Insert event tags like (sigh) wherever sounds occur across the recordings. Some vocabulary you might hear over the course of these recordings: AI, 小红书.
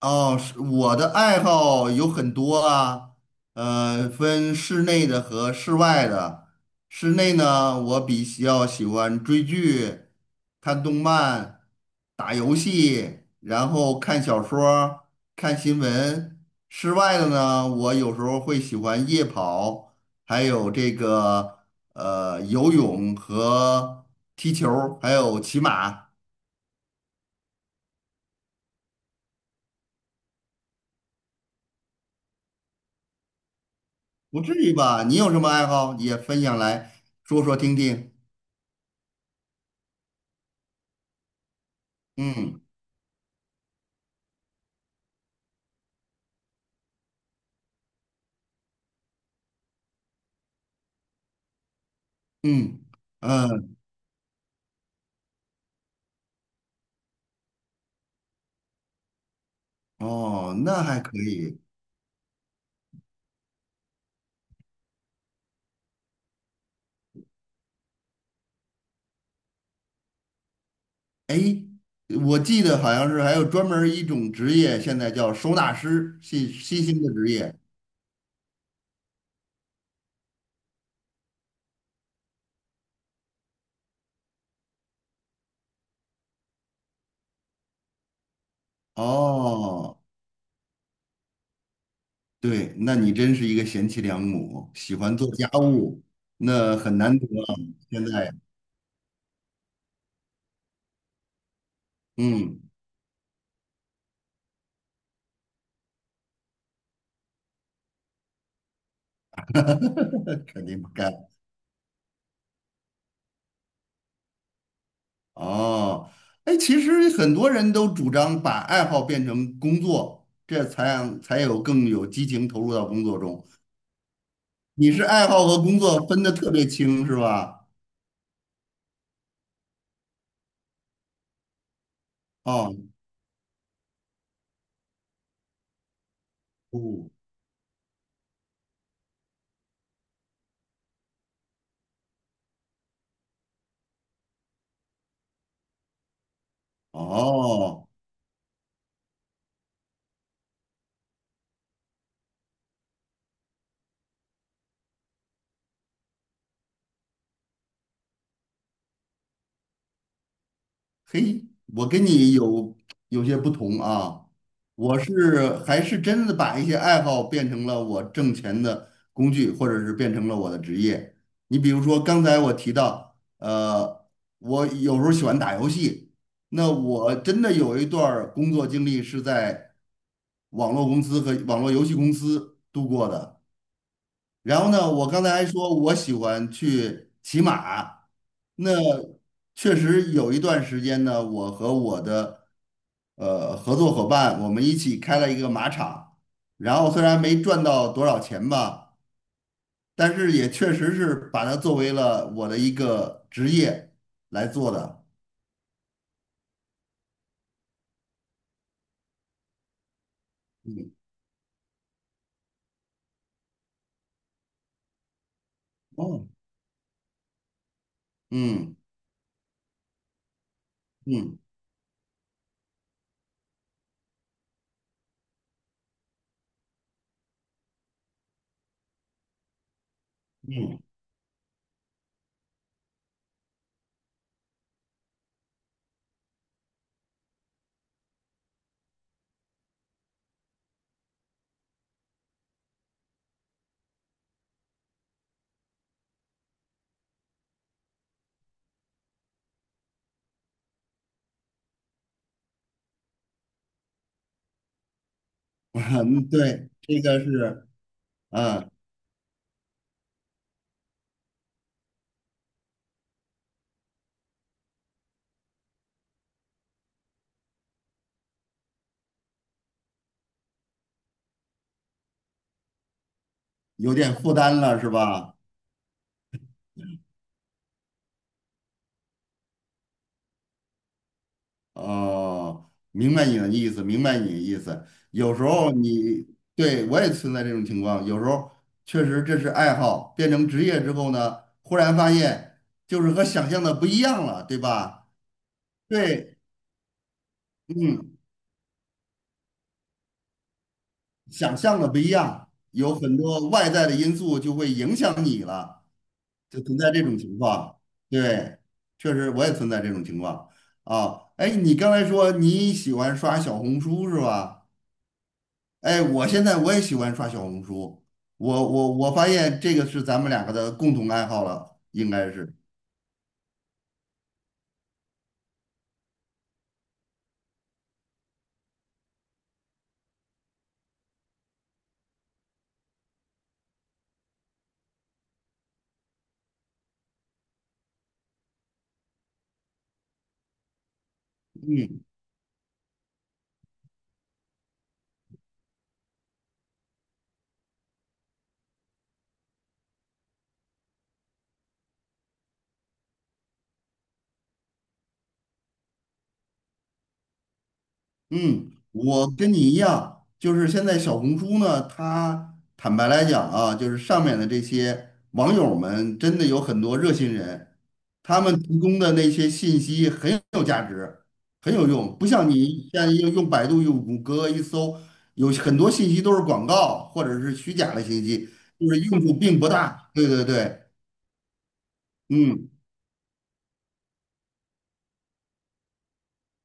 哦，是我的爱好有很多啊，分室内的和室外的。室内呢，我比较喜欢追剧、看动漫、打游戏，然后看小说儿看新闻。室外的呢，我有时候会喜欢夜跑，还有这个游泳和踢球儿还有骑马。不至于吧？你有什么爱好也分享来说说听听。嗯嗯嗯，哦，那还可以。哎，我记得好像是还有专门儿一种职业，现在叫收纳师，新新兴的职业。哦，对，那你真是一个贤妻良母，喜欢做家务，那很难得啊。现在，嗯，(laughs) 肯定不干。哦，哎，其实很多人都主张把爱好变成工作，这才让才有更有激情投入到工作中。你是爱好和工作分的特别清，是吧？哦，哦，哦，嘿，我跟你有些不同啊，我是还是真的把一些爱好变成了我挣钱的工具，或者是变成了我的职业。你比如说，刚才我提到，我有时候喜欢打游戏，那我真的有一段儿工作经历是在网络公司和网络游戏公司度过的。然后呢，我刚才还说我喜欢去骑马，那确实有一段时间呢，我和我的合作伙伴，我们一起开了一个马场，然后虽然没赚到多少钱吧，但是也确实是把它作为了我的一个职业来做的。哦，嗯嗯嗯，(laughs) 嗯对，这个是嗯有点负担了，是吧？哦，明白你的意思，明白你的意思。有时候你对我也存在这种情况，有时候确实这是爱好，变成职业之后呢，忽然发现就是和想象的不一样了，对吧？对，嗯，想象的不一样，有很多外在的因素就会影响你了，就存在这种情况。对，确实我也存在这种情况啊。哎，你刚才说你喜欢刷小红书是吧？哎，我现在我也喜欢刷小红书，我发现这个是咱们两个的共同爱好了，应该是。嗯，嗯，我跟你一样，就是现在小红书呢，它坦白来讲啊，就是上面的这些网友们真的有很多热心人，他们提供的那些信息很有价值，很有用，不像你现在用百度、用谷歌一搜，有很多信息都是广告或者是虚假的信息，就是用处并不大。对对对，嗯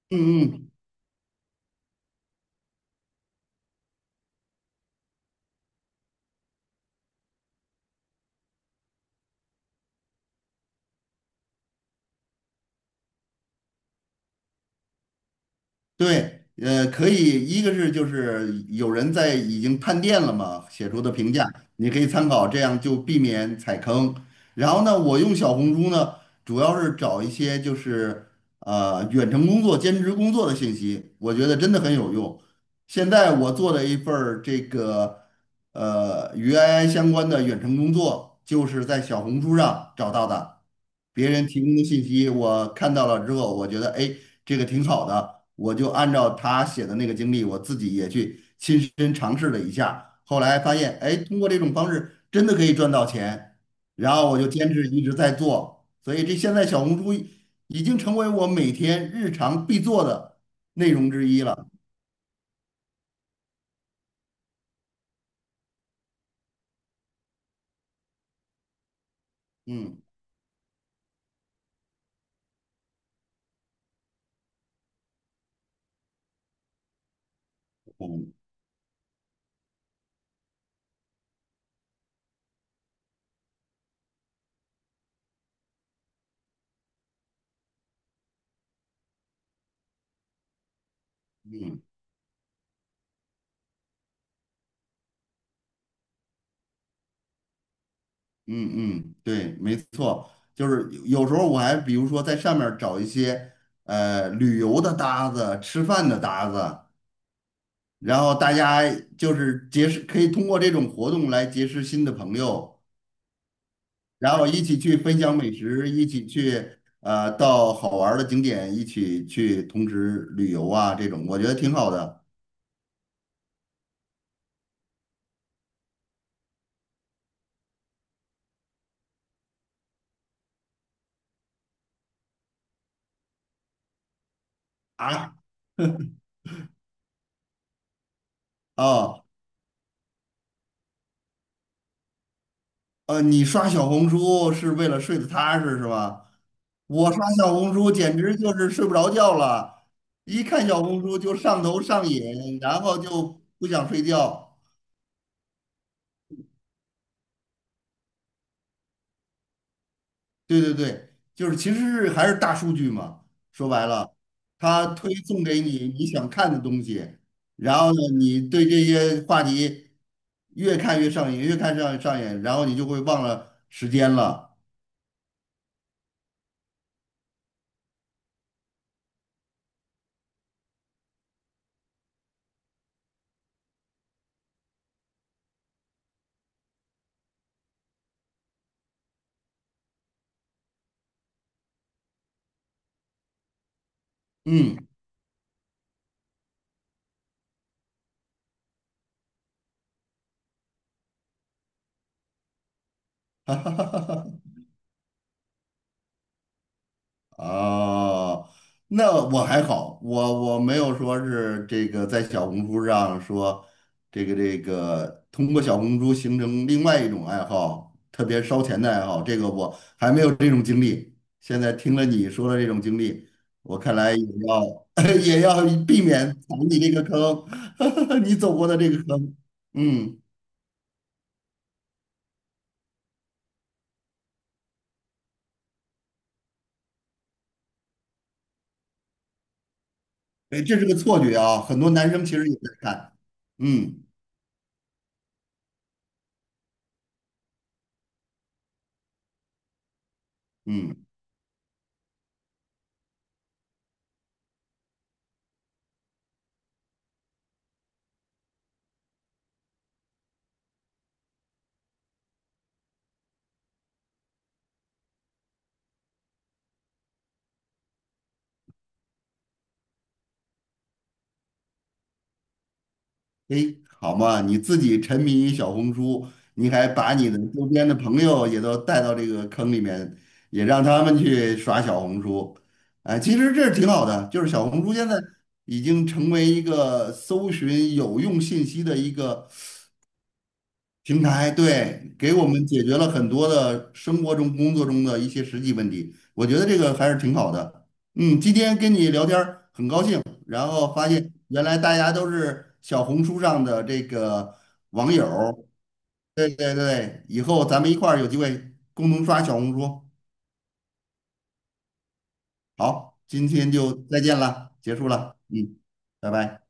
嗯嗯，对，可以，一个是就是有人在已经探店了嘛，写出的评价，你可以参考，这样就避免踩坑。然后呢，我用小红书呢，主要是找一些就是远程工作、兼职工作的信息，我觉得真的很有用。现在我做的一份儿这个与 AI 相关的远程工作，就是在小红书上找到的。别人提供的信息我看到了之后，我觉得哎，这个挺好的，我就按照他写的那个经历，我自己也去亲身尝试了一下，后来发现哎，通过这种方式真的可以赚到钱，然后我就坚持一直在做，所以这现在小红书已经成为我每天日常必做的内容之一了。嗯嗯嗯。嗯嗯，对，没错，就是有时候我还比如说在上面儿找一些旅游的搭子、吃饭的搭子，然后大家就是结识，可以通过这种活动来结识新的朋友，然后一起去分享美食，一起去到好玩儿的景点，一起去同时旅游啊，这种我觉得挺好的啊。哦你刷小红书是为了睡得踏实是吧？我刷小红书简直就是睡不着觉了，一看小红书就上头上瘾，然后就不想睡觉。对对对，就是其实是还是大数据嘛，说白了，它推送给你你想看的东西，然后呢，你对这些话题越看越上瘾，越看上上瘾，然后你就会忘了时间了。嗯，(laughs) 哦，那我还好，我没有说是这个在小红书上说这个通过小红书形成另外一种爱好，特别烧钱的爱好，这个我还没有这种经历。现在听了你说的这种经历，我看来也要 (laughs) 也要避免踩你这个坑，(laughs) 你走过的这个坑。嗯，哎，这是个错觉啊，很多男生其实也在看。嗯嗯。哎，好嘛，你自己沉迷于小红书，你还把你的周边的朋友也都带到这个坑里面，也让他们去耍小红书，哎，其实这是挺好的，就是小红书现在已经成为一个搜寻有用信息的一个平台对，给我们解决了很多的生活中、工作中的一些实际问题，我觉得这个还是挺好的。嗯，今天跟你聊天儿很高兴，然后发现原来大家都是小红书上的这个网友儿对对对，以后咱们一块儿有机会共同刷小红书。好，今天就再见了，结束了。嗯，拜拜。